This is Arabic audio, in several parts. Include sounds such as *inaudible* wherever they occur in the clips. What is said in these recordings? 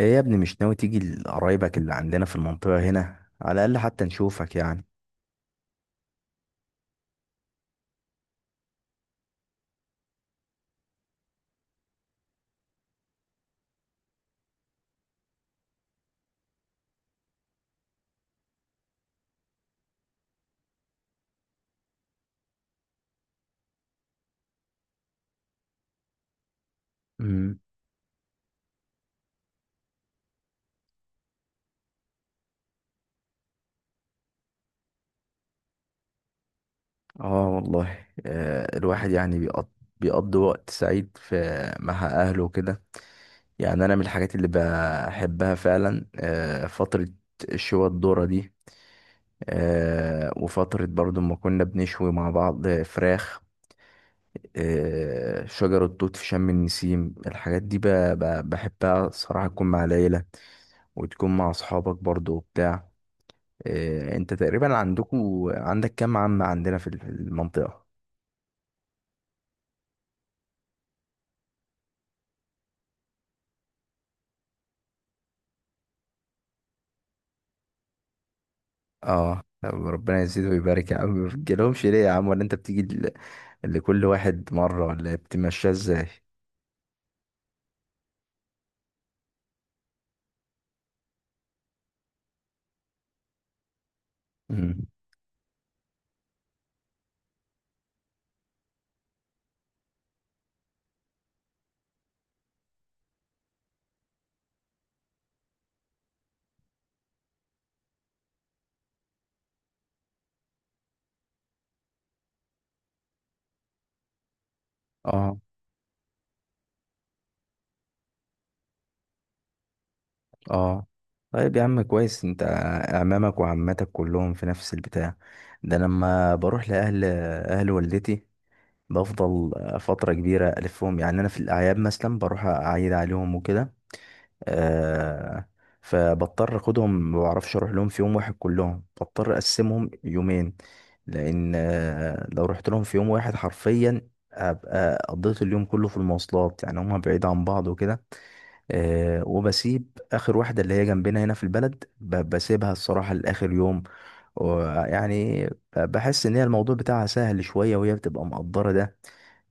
ايه يا ابني مش ناوي تيجي لقرايبك اللي عندنا في المنطقة هنا على الأقل حتى نشوفك يعني. امم اه والله آه، الواحد يعني بيقضي وقت سعيد في مع أهله وكده. يعني أنا من الحاجات اللي بحبها فعلا آه، فترة الشوى الدورة دي. آه، وفترة برضو ما كنا بنشوي مع بعض فراخ. آه، شجر التوت في شم النسيم الحاجات دي بحبها صراحة، تكون مع العيلة وتكون مع أصحابك برضو وبتاع. إيه، انت تقريبا عندك كام عم عندنا في المنطقة؟ اه، طب ربنا يزيد ويبارك يا عم. *laughs* ما بتجيلهمش ليه يا عم؟ ولا انت بتيجي ل- لكل واحد مرة، ولا بتمشيها ازاي؟ امم. اه. اه طيب يا عم، كويس. انت اعمامك وعماتك كلهم في نفس البتاع ده؟ أنا لما بروح اهل والدتي، بفضل فترة كبيرة ألفهم. يعني أنا في الأعياد مثلا بروح أعيد عليهم وكده. آه، فبضطر اخدهم، ما بعرفش اروح لهم في يوم واحد كلهم، بضطر اقسمهم يومين. لان آه، لو رحت لهم في يوم واحد حرفيا ابقى قضيت اليوم كله في المواصلات، يعني هما بعيد عن بعض وكده. آه، وبسيب اخر واحده اللي هي جنبنا هنا في البلد، بسيبها الصراحه لاخر يوم. ويعني بحس ان هي الموضوع بتاعها سهل شويه، وهي بتبقى مقدره ده.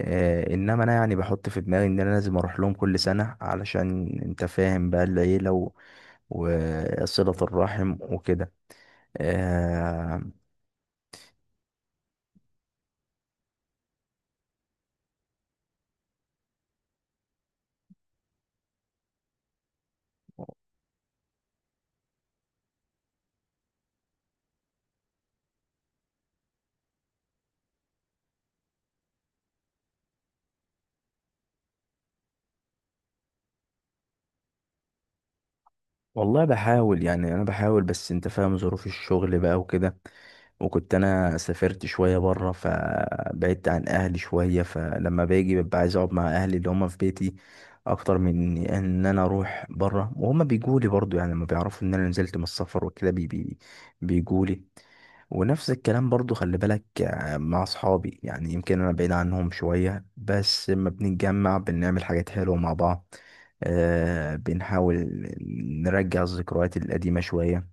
آه، انما انا يعني بحط في دماغي ان انا لازم اروح لهم كل سنه، علشان انت فاهم بقى العيله وصله الرحم وكده. آه. والله بحاول يعني، انا بحاول، بس انت فاهم ظروف الشغل بقى وكده. وكنت انا سافرت شويه بره، فبعدت عن اهلي شويه، فلما باجي ببقى عايز اقعد مع اهلي اللي هم في بيتي اكتر من ان انا اروح بره. وهم بيجوا لي برضو، يعني لما بيعرفوا ان انا نزلت من السفر وكده بي بي بيجوا لي. ونفس الكلام برضو خلي بالك آه، مع اصحابي. يعني يمكن انا بعيد عنهم شوية، بس لما بنتجمع بنعمل حاجات حلوة مع بعض. آه، بنحاول نرجع الذكريات القديمة شوية.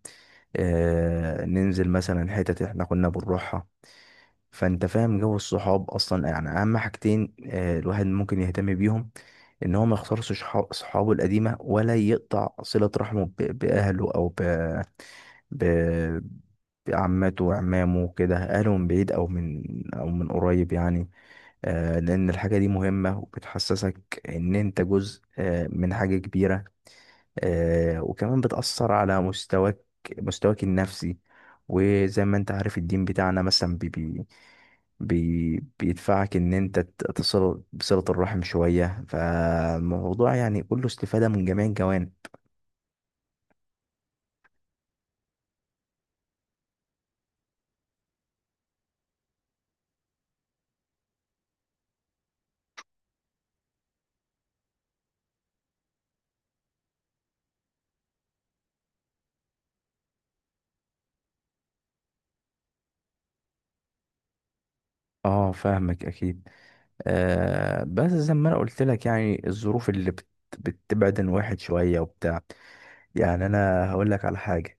آه، ننزل مثلا حتت احنا كنا بنروحها. فانت فاهم جو الصحاب اصلا. يعني اهم حاجتين آه، الواحد ممكن يهتم بيهم، ان هو ما يخسرش صحابه القديمة، ولا يقطع صلة رحمه باهله، او ب عماته وعمامه وكده، أهله من بعيد أو من، أو من قريب يعني. آه، لأن الحاجة دي مهمة وبتحسسك إن أنت جزء آه، من حاجة كبيرة. آه، وكمان بتأثر على مستواك النفسي. وزي ما أنت عارف الدين بتاعنا مثلا بي بي بي بيدفعك إن أنت تصل بصلة الرحم شوية. فالموضوع يعني كله استفادة من جميع الجوانب. اه فاهمك اكيد. آه بس زي ما انا قلت لك، يعني الظروف اللي بت بتبعد عن واحد شويه وبتاع. يعني انا هقول لك على حاجه،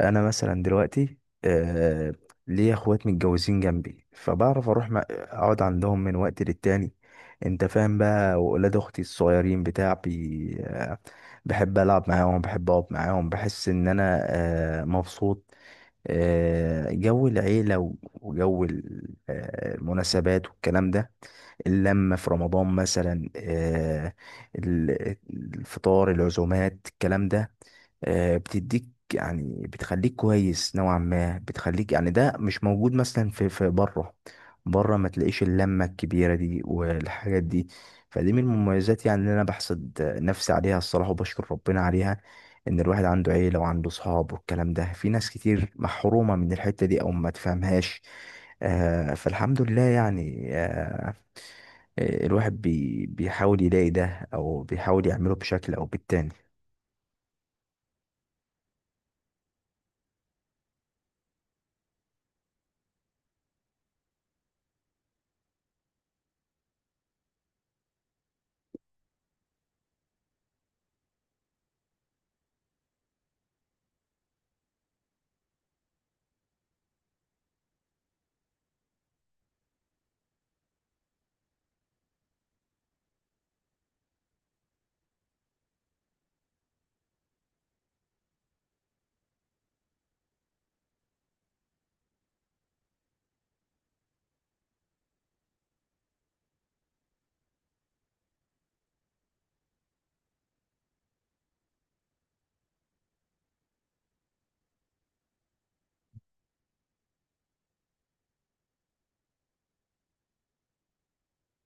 انا مثلا دلوقتي آه، ليا اخوات متجوزين جنبي، فبعرف اروح اقعد عندهم من وقت للتاني. انت فاهم بقى. واولاد اختي الصغيرين بتاع بي آه، بحب العب معاهم، بحب اقعد معاهم، بحس ان انا آه، مبسوط. آه، جو العيلة وجو آه، المناسبات والكلام ده، اللمة في رمضان مثلا آه، الفطار، العزومات، الكلام ده آه، بتديك، يعني بتخليك كويس نوعا ما. بتخليك يعني، ده مش موجود مثلا في بره. بره ما تلاقيش اللمة الكبيرة دي والحاجات دي. فدي من المميزات يعني اللي انا بحسد نفسي عليها الصراحة، وبشكر ربنا عليها ان الواحد عنده عيله وعنده صحاب والكلام ده. في ناس كتير محرومه من الحته دي او ما تفهمهاش. آه، فالحمد لله يعني آه، آه، الواحد بيحاول يلاقي ده، او بيحاول يعمله بشكل او بالتاني.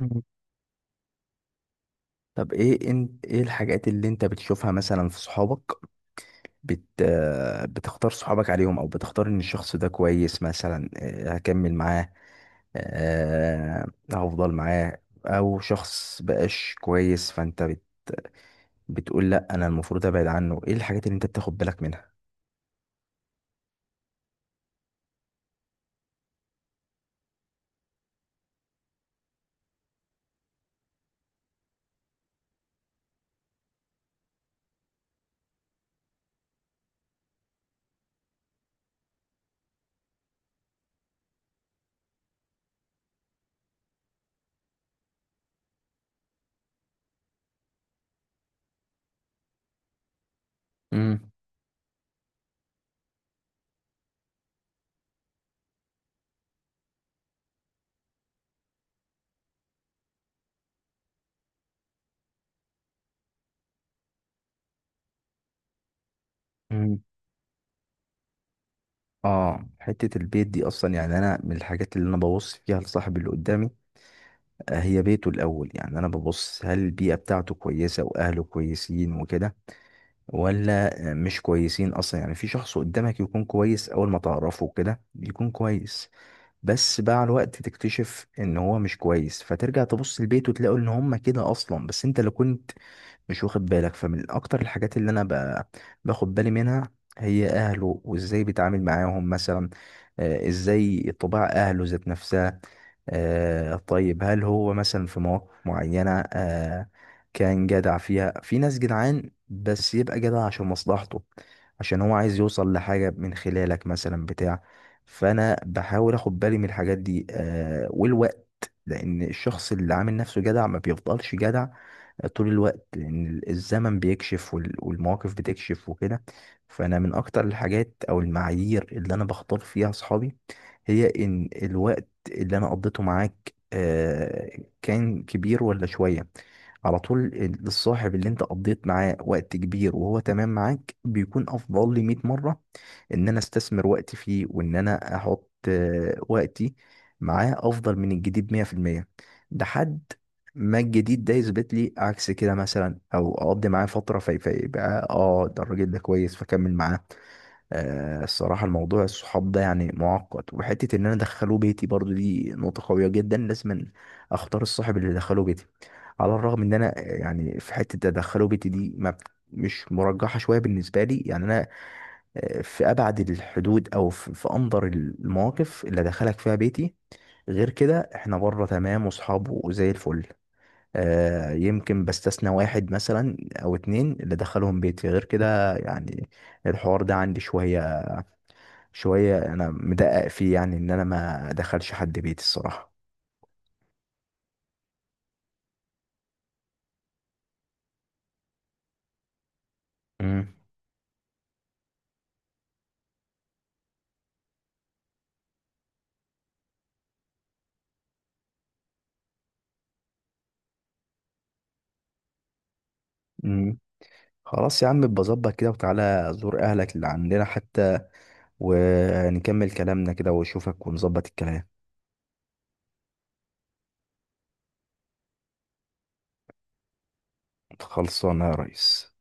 مم. طب ايه انت، ايه الحاجات اللي انت بتشوفها مثلا في صحابك آه، بتختار صحابك عليهم، او بتختار ان الشخص ده كويس مثلا آه، هكمل معاه آه، هفضل معاه، او شخص بقاش كويس فانت بت بتقول لا انا المفروض ابعد عنه؟ ايه الحاجات اللي انت بتاخد بالك منها؟ امم. امم. اه حتة البيت دي اصلا، يعني انا من الحاجات اللي انا ببص فيها لصاحب اللي قدامي آه، هي بيته الاول. يعني انا ببص هل البيئة بتاعته كويسة واهله كويسين وكده، ولا آه، مش كويسين اصلا. يعني في شخص قدامك يكون كويس، اول ما تعرفه كده يكون كويس، بس مع الوقت تكتشف ان هو مش كويس، فترجع تبص لبيته تلاقوا ان هم كده اصلا، بس انت اللي كنت مش واخد بالك. فمن اكتر الحاجات اللي انا باخد بالي منها هي اهله، وازاي بيتعامل معاهم مثلا آه، ازاي طباع اهله ذات نفسها. آه، طيب هل هو مثلا في مواقف معينة آه، كان جدع فيها؟ في ناس جدعان بس يبقى جدع عشان مصلحته، عشان هو عايز يوصل لحاجة من خلالك مثلا بتاع. فانا بحاول اخد بالي من الحاجات دي آه، والوقت. لان الشخص اللي عامل نفسه جدع ما بيفضلش جدع طول الوقت، لأن الزمن بيكشف والمواقف بتكشف وكده. فأنا من أكتر الحاجات أو المعايير اللي أنا بختار فيها أصحابي، هي إن الوقت اللي أنا قضيته معاك آه، كان كبير ولا شوية. على طول الصاحب اللي انت قضيت معاه وقت كبير وهو تمام معاك، بيكون افضل لي 100 مرة ان انا استثمر وقتي فيه، وان انا احط آه، وقتي معاه افضل من الجديد 100%. ده حد ما الجديد ده يثبت لي عكس كده مثلا، او اقضي معاه فترة فيبقى اه ده، الراجل ده كويس فكمل معاه. آه، الصراحة الموضوع الصحاب ده يعني معقد. وحتة إن أنا أدخله بيتي برضو دي نقطة قوية جدا، لازم أختار الصاحب اللي أدخله بيتي. على الرغم إن أنا آه، يعني في حتة أدخله بيتي دي ما مش مرجحة شوية بالنسبة لي. يعني أنا آه، في أبعد الحدود أو في أندر المواقف اللي أدخلك فيها بيتي. غير كده إحنا بره تمام وصحاب وزي الفل. آه، يمكن بستثنى واحد مثلا أو اتنين اللي أدخلهم بيتي، غير كده يعني الحوار ده عندي شوية، أنا مدقق فيه، يعني إن أنا ما أدخلش حد بيتي الصراحة. امم. امم. خلاص يا عم، بظبط كده، وتعالى زور أهلك اللي عندنا حتى ونكمل كلامنا كده وأشوفك ونظبط الكلام. خلصانة يا ريس.